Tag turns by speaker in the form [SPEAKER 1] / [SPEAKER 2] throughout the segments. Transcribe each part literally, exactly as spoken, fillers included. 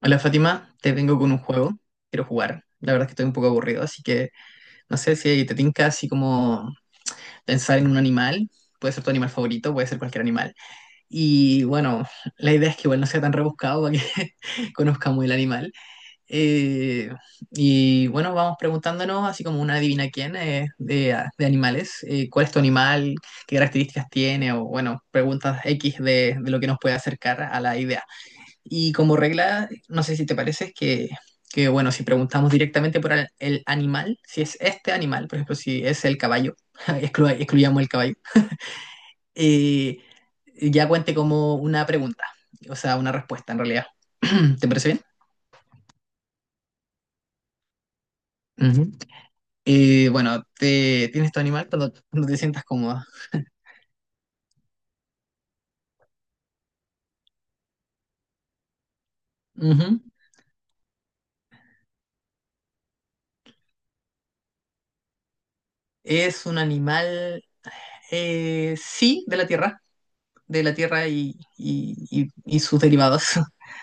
[SPEAKER 1] Hola Fátima, te vengo con un juego. Quiero jugar. La verdad es que estoy un poco aburrido, así que no sé si te tinca así como pensar en un animal. Puede ser tu animal favorito, puede ser cualquier animal. Y bueno, la idea es que igual no sea tan rebuscado para que conozcamos el animal. Eh, y bueno, vamos preguntándonos así como una adivina quién eh, de, de animales. Eh, ¿cuál es tu animal? ¿Qué características tiene? O bueno, preguntas X de, de lo que nos puede acercar a la idea. Y como regla, no sé si te parece, es que, que bueno, si preguntamos directamente por el, el animal, si es este animal, por ejemplo, si es el caballo, exclu- excluyamos el caballo, eh, ya cuente como una pregunta, o sea, una respuesta en realidad. ¿Te parece bien? Ujú. Eh, bueno, te, ¿tienes tu animal cuando, cuando te sientas cómoda? Ujú. Es un animal, eh, sí, de la tierra, de la tierra y, y, y- y sus derivados.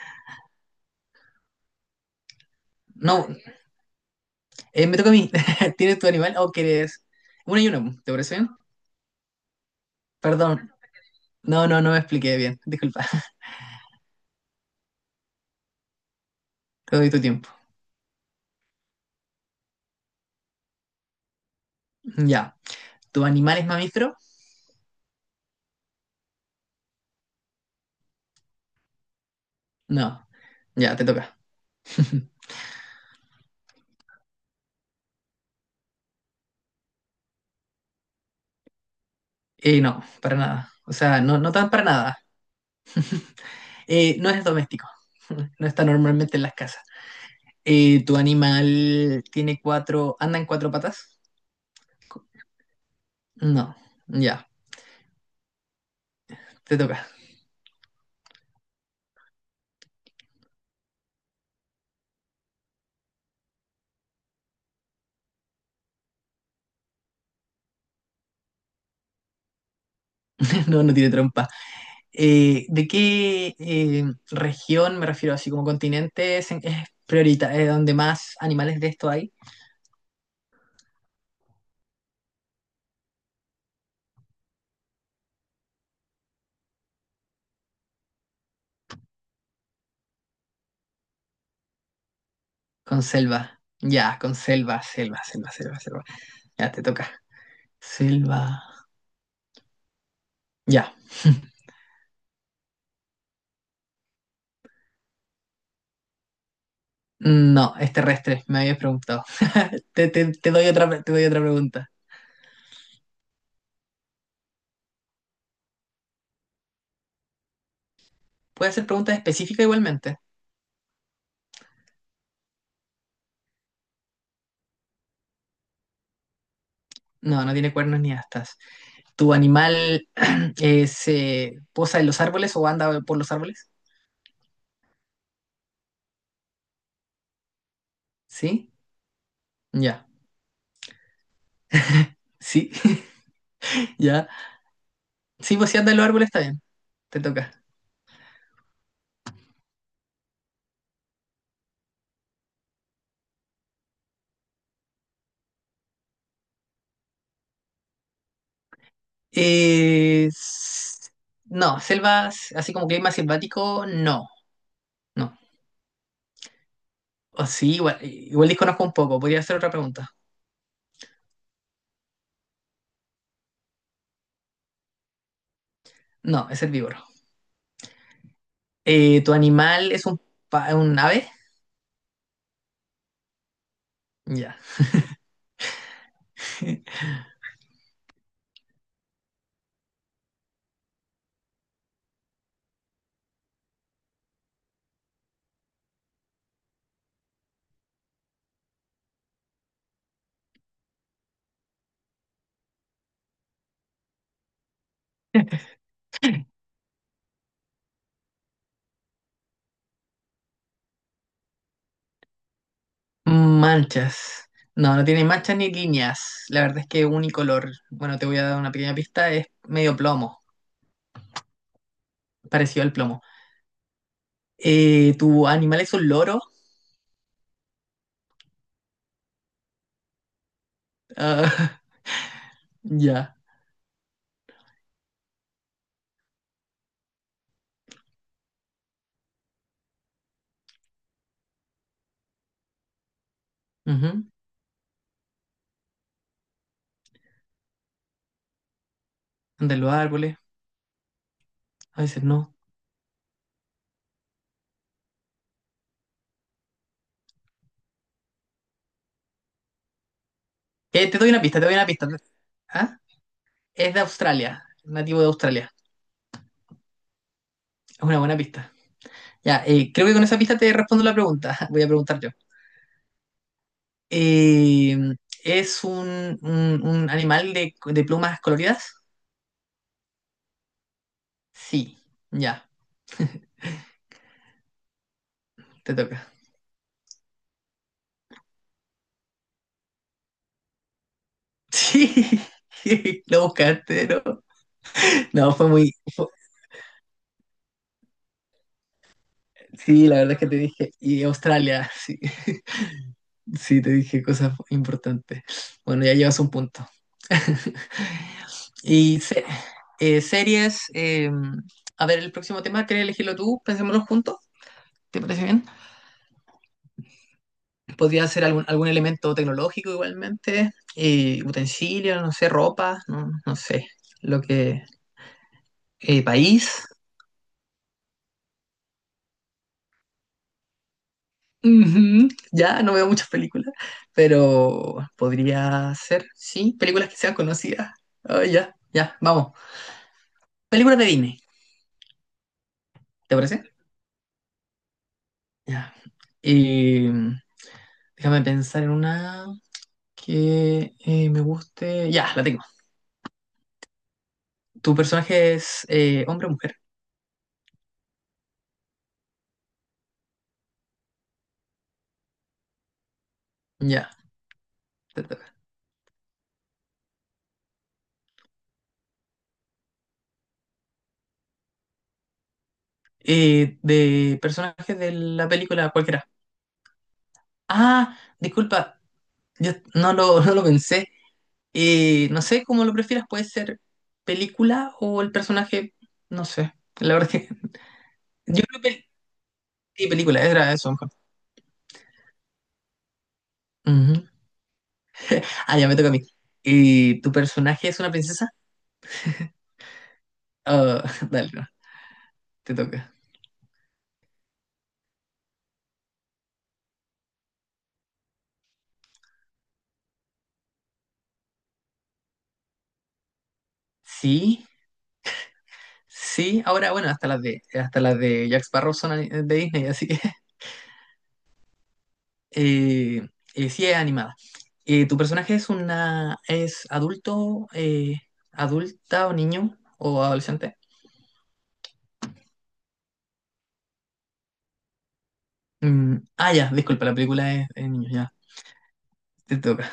[SPEAKER 1] No. Eh, me toca a mí. ¿Tienes tu animal o quieres...? Una y una, ¿te parece bien? Perdón. No, no, no me expliqué bien. Disculpa. Te doy tu tiempo. Ya. ¿Tu animal es mamífero? No. Ya, te toca. Eh, no, para nada. O sea, no, no tan para nada. Eh, no es doméstico. No está normalmente en las casas. Eh, ¿tu animal tiene cuatro... anda en cuatro patas? No. Ya, te toca. No, no tiene trompa. Eh, ¿de qué eh, región, me refiero así como continente, es, en- es priorita, eh, donde más animales de esto hay? Con selva. Ya, con selva, selva, selva, selva, selva. Ya, te toca. Selva. Ya. No, es terrestre, me habías preguntado. Te, te- te doy otra, pre- te doy otra pregunta. ¿Puede ser pregunta específica igualmente? No, no tiene cuernos ni astas. ¿Tu animal eh, se posa en los árboles o anda por los árboles? ¿Sí? Ya. ¿Sí? ¿Ya? Sí, pues si andas en los árboles está bien. Te toca. Eh, s- no, selvas, así como clima selvático, no. No. O sí, igual, igual desconozco un poco. Podría hacer otra pregunta. No, es herbívoro. Eh, ¿tu animal es un, pa- un ave? Ya. Manchas. No, no tiene manchas ni líneas. La verdad es que es unicolor. Bueno, te voy a dar una pequeña pista. Es medio plomo, parecido al plomo. Eh, ¿tu animal es un loro? Ah, ya. Ujú. Anda los árboles. A veces no. Eh, te doy una pista, te doy una pista. ¿Ah? Es de Australia, nativo de Australia. Es una buena pista. Ya, eh, creo que con esa pista te respondo la pregunta. Voy a preguntar yo. Eh, ¿es un, un- un animal de, de plumas coloridas? Sí. Ya, te toca. Sí, lo buscaste, ¿no? No, fue muy... fue- Sí, la verdad es que te dije. Y Australia, sí. Sí, te dije cosas importantes. Bueno, ya llevas un punto. Y se- eh, series, eh, a ver, el próximo tema, ¿quieres elegirlo tú? Pensémoslo juntos, ¿te parece bien? Podría ser algún, algún elemento tecnológico igualmente, eh, utensilio, no sé, ropa, no, no sé, lo que... eh, país. Ujú, ya no veo muchas películas, pero podría ser, sí, películas que sean conocidas. Ah, ya, ya, vamos. Películas de Disney, ¿te parece? Ya. Y mm, déjame pensar en una que eh, me guste. Ya, la tengo. ¿Tu personaje es eh, hombre o mujer? Ya, te toca. Eh, de personajes de la película cualquiera. Ah, disculpa, yo no lo, no lo pensé. Eh, no sé cómo lo prefieras, puede ser película o el personaje, no sé. La verdad es que yo creo que pel- sí, película, era eso mejor. Ujú. Ah, ya me toca a mí. Eh, ¿tu personaje es una princesa? Ah, dale, te toca. Sí, sí. Ahora, bueno, hasta las de, hasta las de Jack Sparrow son ani- de Disney, así que eh, eh, sí es animada. Eh, ¿tu personaje es una, es adulto, eh, adulta o niño o adolescente? Mm, ah, ya, disculpa, la película es de niños, ya. Te toca.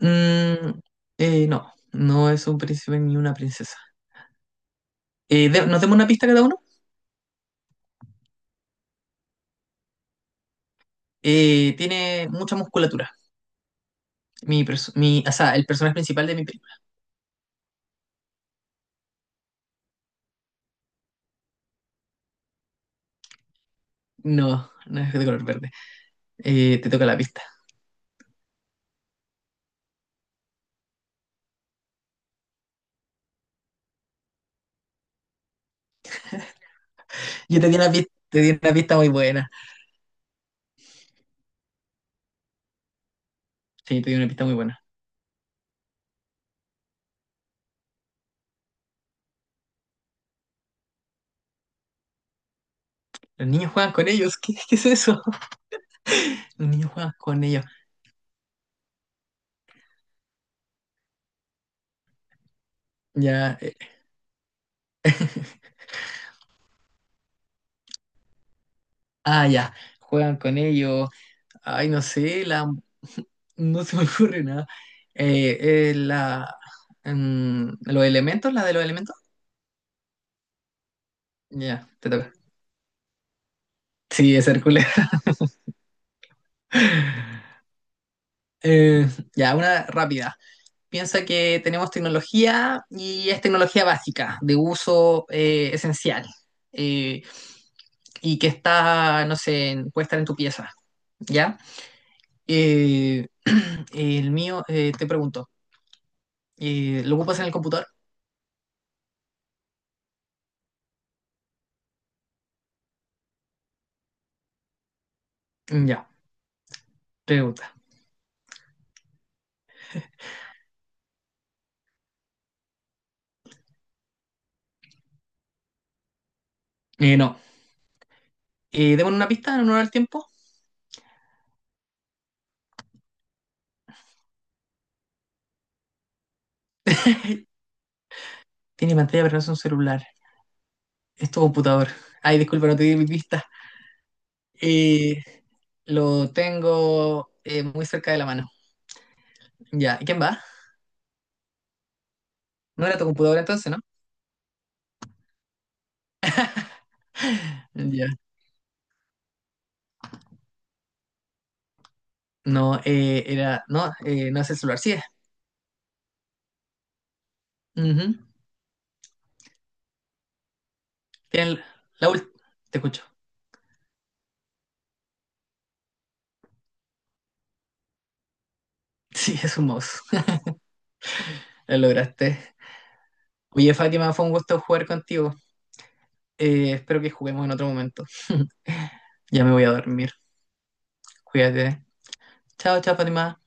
[SPEAKER 1] Mm, eh, no, no es un príncipe ni una princesa. Eh, de- ¿nos demos una pista cada uno? Eh, tiene mucha musculatura. Mi, perso- mi, o sea, El personaje principal de mi película. No, no es de color verde. eh, te toca la pista. Yo te di una pista, te di una pista muy buena. Sí, te di una pista muy buena. Los niños juegan con ellos. ¿Qué, qué es eso? Los niños juegan con ellos. Ya. eh, ah, ya. Juegan con ellos. Ay, no sé, la... No se me ocurre nada. Eh, eh, la... mm, los elementos, la de los elementos. Ya, te toca. Sí, es Hércules. Eh, ya, una rápida. Piensa que tenemos tecnología y es tecnología básica, de uso eh, esencial, eh, y que está, no sé, en- puede estar en tu pieza, ¿ya? Eh, el mío, eh, te pregunto, eh, ¿lo ocupas en el computador? Ya, pregunta. Eh, no. Eh, démosle una pista en honor al tiempo. Tiene pantalla, pero no es un celular. Es tu computador. Ay, disculpa, no te di mi pista. Eh, lo tengo eh, muy cerca de la mano. Ya, ¿y quién va? No era tu computador entonces, ¿no? Ya. No, eh, era. No, eh, no es el celular. Sí es. Ujú. Tiene la última. Te escucho. Sí, es un mouse. Lo lograste. Oye, Fátima, fue un gusto jugar contigo. Eh, espero que juguemos en otro momento. Ya me voy a dormir. Cuídate. Chao, chao, Fátima.